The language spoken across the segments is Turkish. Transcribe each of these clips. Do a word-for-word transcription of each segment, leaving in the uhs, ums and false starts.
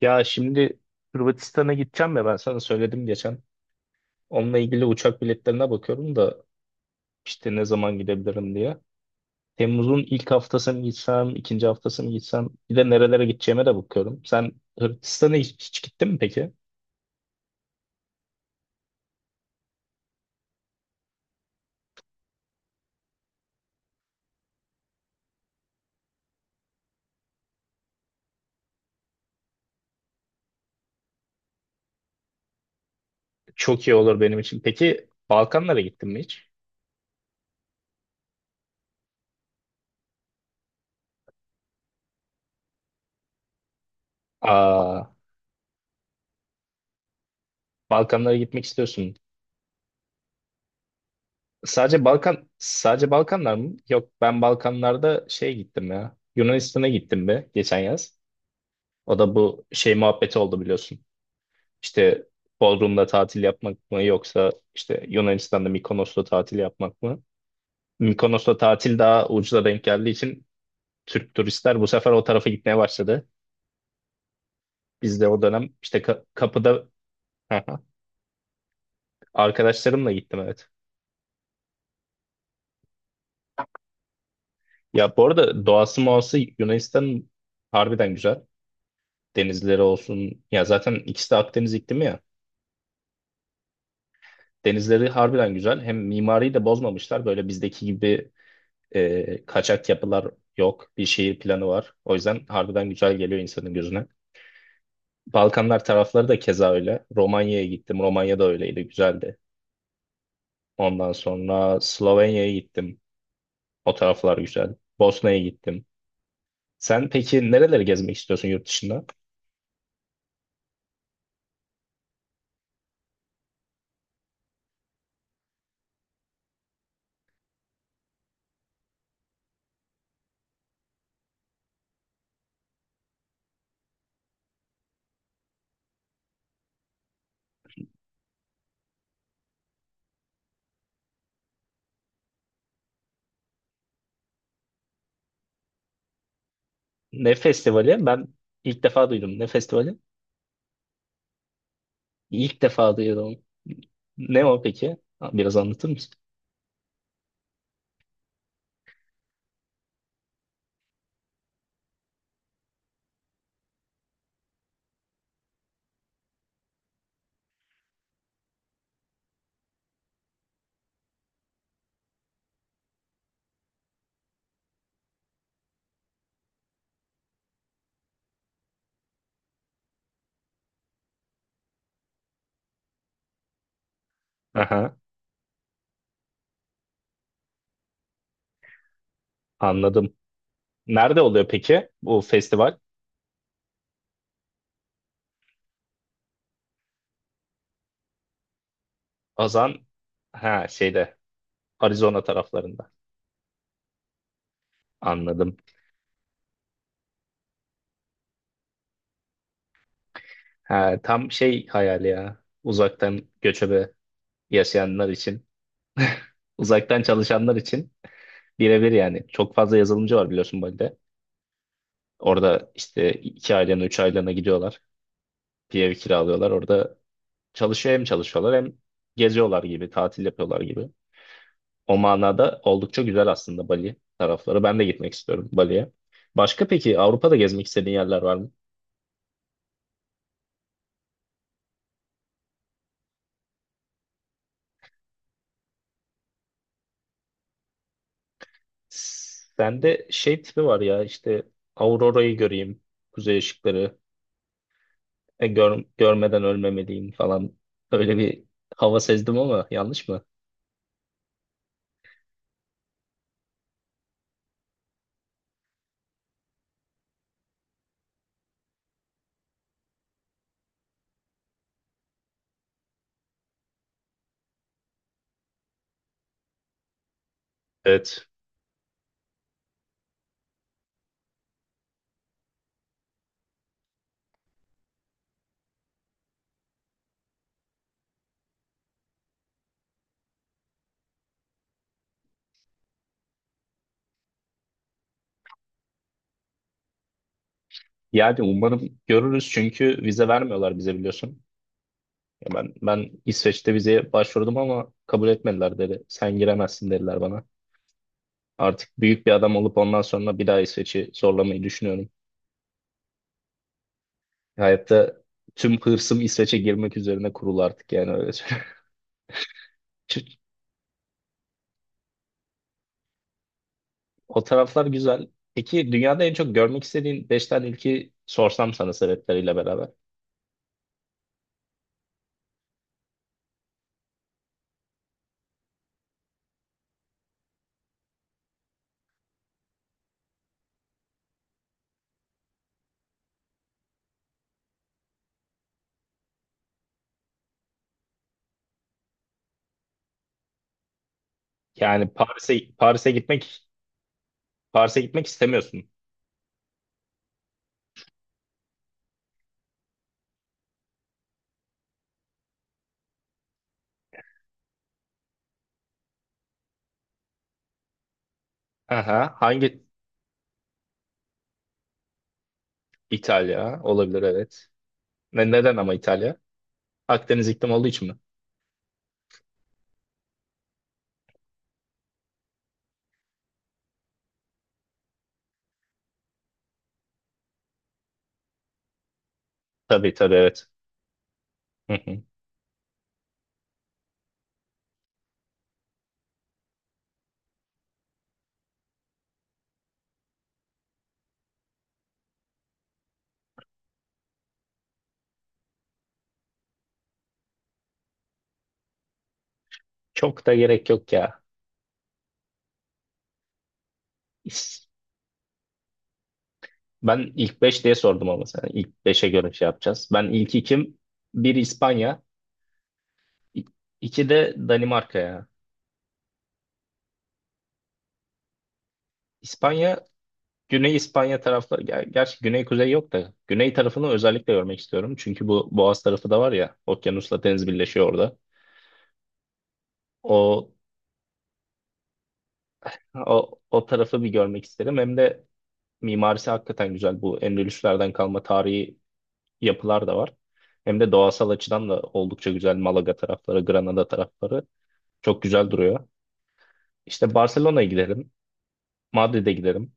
Ya şimdi Hırvatistan'a gideceğim ya ben sana söyledim geçen. Onunla ilgili uçak biletlerine bakıyorum da işte ne zaman gidebilirim diye. Temmuz'un ilk haftası mı gitsem, ikinci haftası mı gitsem bir de nerelere gideceğime de bakıyorum. Sen Hırvatistan'a hiç, hiç gittin mi peki? Çok iyi olur benim için. Peki Balkanlara gittin mi hiç? Aa, Balkanlara gitmek istiyorsun. Sadece Balkan, sadece Balkanlar mı? Yok ben Balkanlarda şey gittim ya. Yunanistan'a gittim be geçen yaz. O da bu şey muhabbeti oldu biliyorsun. İşte Bodrum'da tatil yapmak mı yoksa işte Yunanistan'da Mikonos'ta tatil yapmak mı? Mikonos'ta tatil daha ucuza denk geldiği için Türk turistler bu sefer o tarafa gitmeye başladı. Biz de o dönem işte ka- kapıda arkadaşlarımla gittim evet. Ya bu arada doğası muası Yunanistan harbiden güzel. Denizleri olsun ya zaten ikisi de Akdeniz iklimi ya. Denizleri harbiden güzel. Hem mimariyi de bozmamışlar. Böyle bizdeki gibi E, kaçak yapılar yok. Bir şehir planı var. O yüzden harbiden güzel geliyor insanın gözüne. Balkanlar tarafları da keza öyle. Romanya'ya gittim. Romanya da öyleydi. Güzeldi. Ondan sonra Slovenya'ya gittim. O taraflar güzel. Bosna'ya gittim. Sen peki nereleri gezmek istiyorsun yurt dışında? Ne festivali? Ben ilk defa duydum. Ne festivali? İlk defa duydum. Ne o peki? Biraz anlatır mısın? Aha, anladım. Nerede oluyor peki bu festival? Azan ha şeyde Arizona taraflarında. Anladım. Ha, tam şey hayali ya. Uzaktan göçebe yaşayanlar için. Uzaktan çalışanlar için birebir yani. Çok fazla yazılımcı var biliyorsun Bali'de. Orada işte iki aylığına, üç aylığına gidiyorlar. Bir ev kiralıyorlar. Orada çalışıyor hem çalışıyorlar hem geziyorlar gibi, tatil yapıyorlar gibi. O manada oldukça güzel aslında Bali tarafları. Ben de gitmek istiyorum Bali'ye. Başka peki Avrupa'da gezmek istediğin yerler var mı? Sende şey tipi var ya işte Aurora'yı göreyim, kuzey ışıkları, e, gör- görmeden ölmemeliyim falan. Öyle bir hava sezdim ama yanlış mı? Evet. Yani umarım görürüz çünkü vize vermiyorlar bize biliyorsun. Ya ben ben İsveç'te vizeye başvurdum ama kabul etmediler dedi. Sen giremezsin dediler bana. Artık büyük bir adam olup ondan sonra bir daha İsveç'i zorlamayı düşünüyorum. Hayatta tüm hırsım İsveç'e girmek üzerine kurulu artık yani öyle söyleyeyim. O taraflar güzel. Peki dünyada en çok görmek istediğin beş tane ülkeyi sorsam sana sebepleriyle beraber. Yani Paris'e Paris'e gitmek Paris'e gitmek istemiyorsun. Aha, hangi İtalya olabilir evet. Ne, neden ama İtalya? Akdeniz iklim olduğu için mi? Tabii tabii evet. Hı hı. Çok da gerek yok ya. İs- Ben ilk beş diye sordum ama sana. İlk beşe göre şey yapacağız. Ben ilk ikim. Bir İspanya. İ- iki de Danimarka ya. İspanya Güney İspanya tarafları, ger- gerçi güney kuzey yok da güney tarafını özellikle görmek istiyorum. Çünkü bu Boğaz tarafı da var ya, okyanusla deniz birleşiyor orada. O o, o tarafı bir görmek isterim. Hem de mimarisi hakikaten güzel. Bu Endülüslerden kalma tarihi yapılar da var. Hem de doğasal açıdan da oldukça güzel. Malaga tarafları, Granada tarafları çok güzel duruyor. İşte Barcelona'ya giderim, Madrid'e giderim.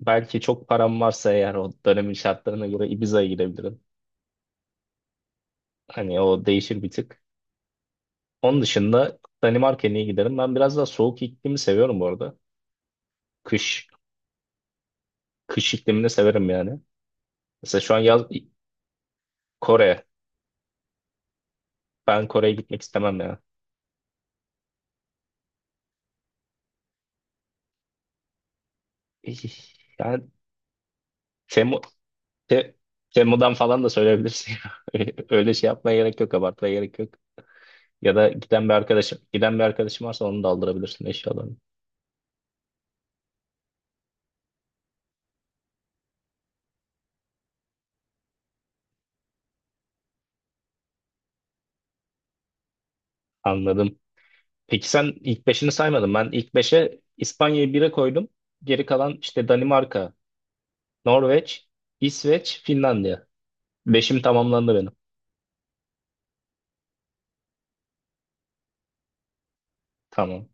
Belki çok param varsa eğer o dönemin şartlarına göre Ibiza'ya gidebilirim. Hani o değişir bir tık. Onun dışında Danimarka'ya niye giderim? Ben biraz daha soğuk iklimi seviyorum bu arada. Kış, kış iklimini severim yani. Mesela şu an yaz Kore. Ben Kore'ye gitmek istemem ya. Yani Temu, Te- Temu'dan falan da söyleyebilirsin. Öyle şey yapmaya gerek yok, abartmaya gerek yok. Ya da giden bir arkadaşım, giden bir arkadaşım varsa onu da aldırabilirsin eşyalarını. Anladım. Peki sen ilk beşini saymadın. Ben ilk beşe İspanya'yı bire koydum. Geri kalan işte Danimarka, Norveç, İsveç, Finlandiya. Beşim tamamlandı benim. Tamam.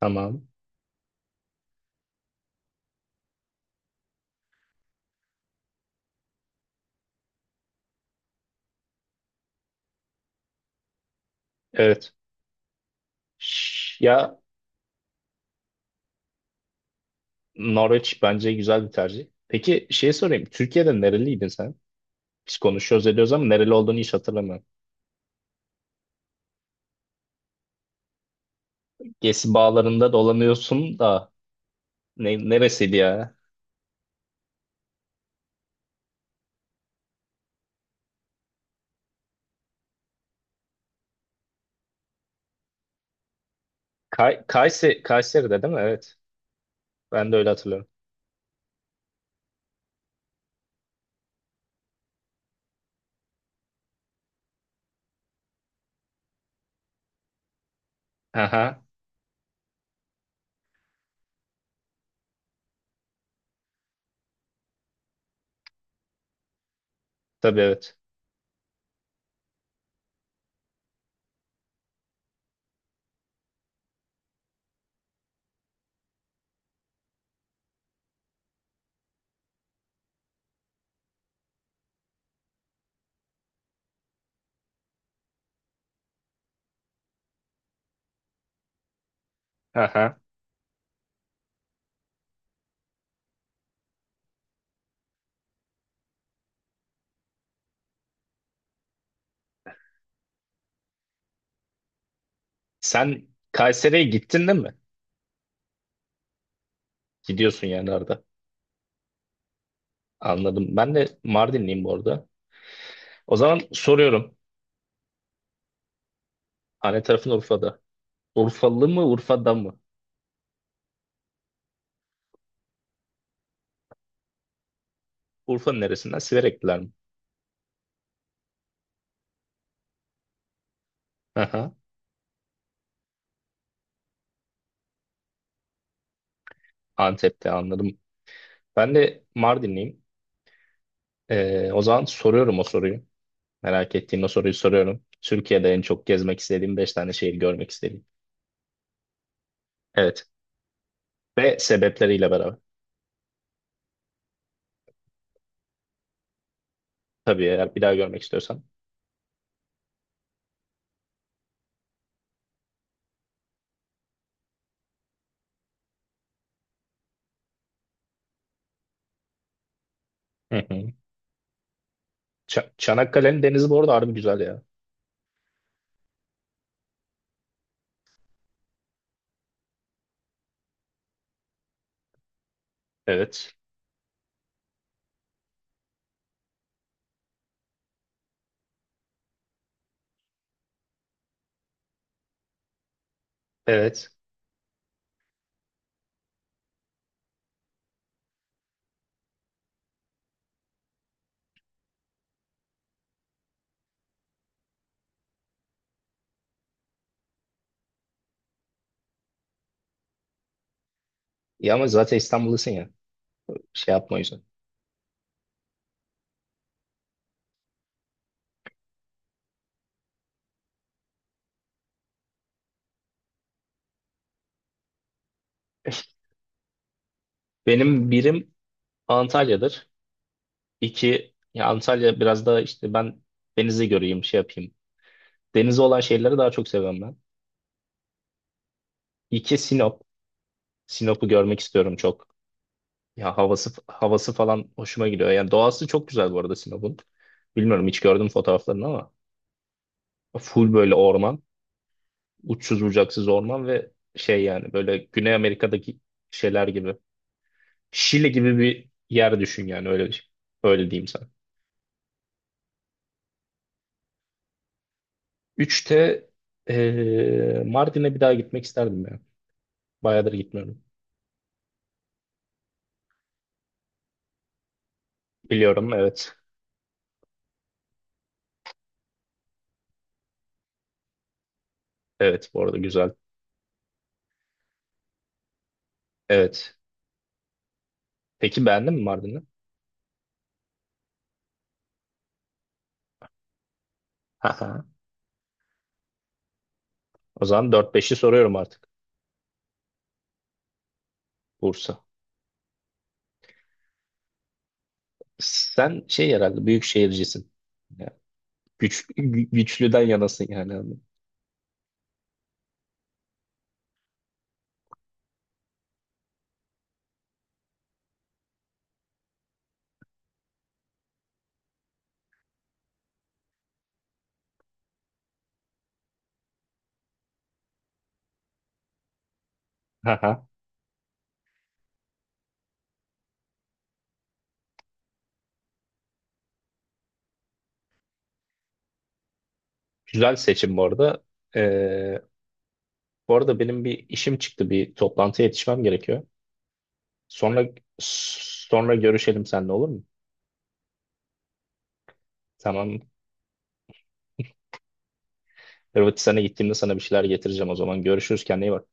Tamam. Evet. Ş- Ya Norveç bence güzel bir tercih. Peki şey sorayım. Türkiye'de nereliydin sen? Biz konuşuyoruz ediyoruz ama nereli olduğunu hiç hatırlamıyorum. Gezi bağlarında dolanıyorsun da ne, neresiydi ya? Kay, Kayse, Kayseri'de değil mi? Evet. Ben de öyle hatırlıyorum. Aha. Tabii evet. Aha. Sen Kayseri'ye gittin değil mi? Gidiyorsun yani arada. Anladım. Ben de Mardinliyim bu arada. O zaman soruyorum. Anne tarafın Urfa'da. Urfalı mı, Urfa'da mı? Urfa'nın neresinden? Siverekliler mi? Aha, Antep'te anladım. Ben de Mardinliyim. Ee, o zaman soruyorum o soruyu. Merak ettiğim o soruyu soruyorum. Türkiye'de en çok gezmek istediğim beş tane şehir görmek istediğim. Evet. Ve sebepleriyle beraber. Tabii eğer bir daha görmek istiyorsan. Hı hı. Ça- Çanakkale'nin denizi bu arada harbi güzel ya. Evet. Evet. Ya ama zaten İstanbul'dasın ya. Şey yapma o yüzden. Benim birim Antalya'dır. İki, ya Antalya biraz daha işte ben denizi göreyim, şey yapayım. Denizi olan şeyleri daha çok seviyorum ben. İki, Sinop. Sinop'u görmek istiyorum çok. Ya havası havası falan hoşuma gidiyor. Yani doğası çok güzel bu arada Sinop'un. Bilmiyorum hiç gördüm fotoğraflarını ama full böyle orman, uçsuz bucaksız orman ve şey yani böyle Güney Amerika'daki şeyler gibi. Şili gibi bir yer düşün yani öyle öyle diyeyim sana. Üçte eee Mardin'e bir daha gitmek isterdim ya. Bayağıdır gitmiyorum. Biliyorum evet. Evet bu arada güzel. Evet. Peki beğendin mi Mardin'i? Haha. O zaman dört beşi soruyorum artık. Bursa. Sen şey herhalde büyük şehircisin. Ya, Güç, gü- güçlüden yanasın yani. Haha. Güzel seçim bu arada. Ee, bu arada benim bir işim çıktı. Bir toplantıya yetişmem gerekiyor. Sonra sonra görüşelim seninle olur mu? Tamam. Hırvatistan'a gittiğimde sana bir şeyler getireceğim o zaman. Görüşürüz kendine iyi bak.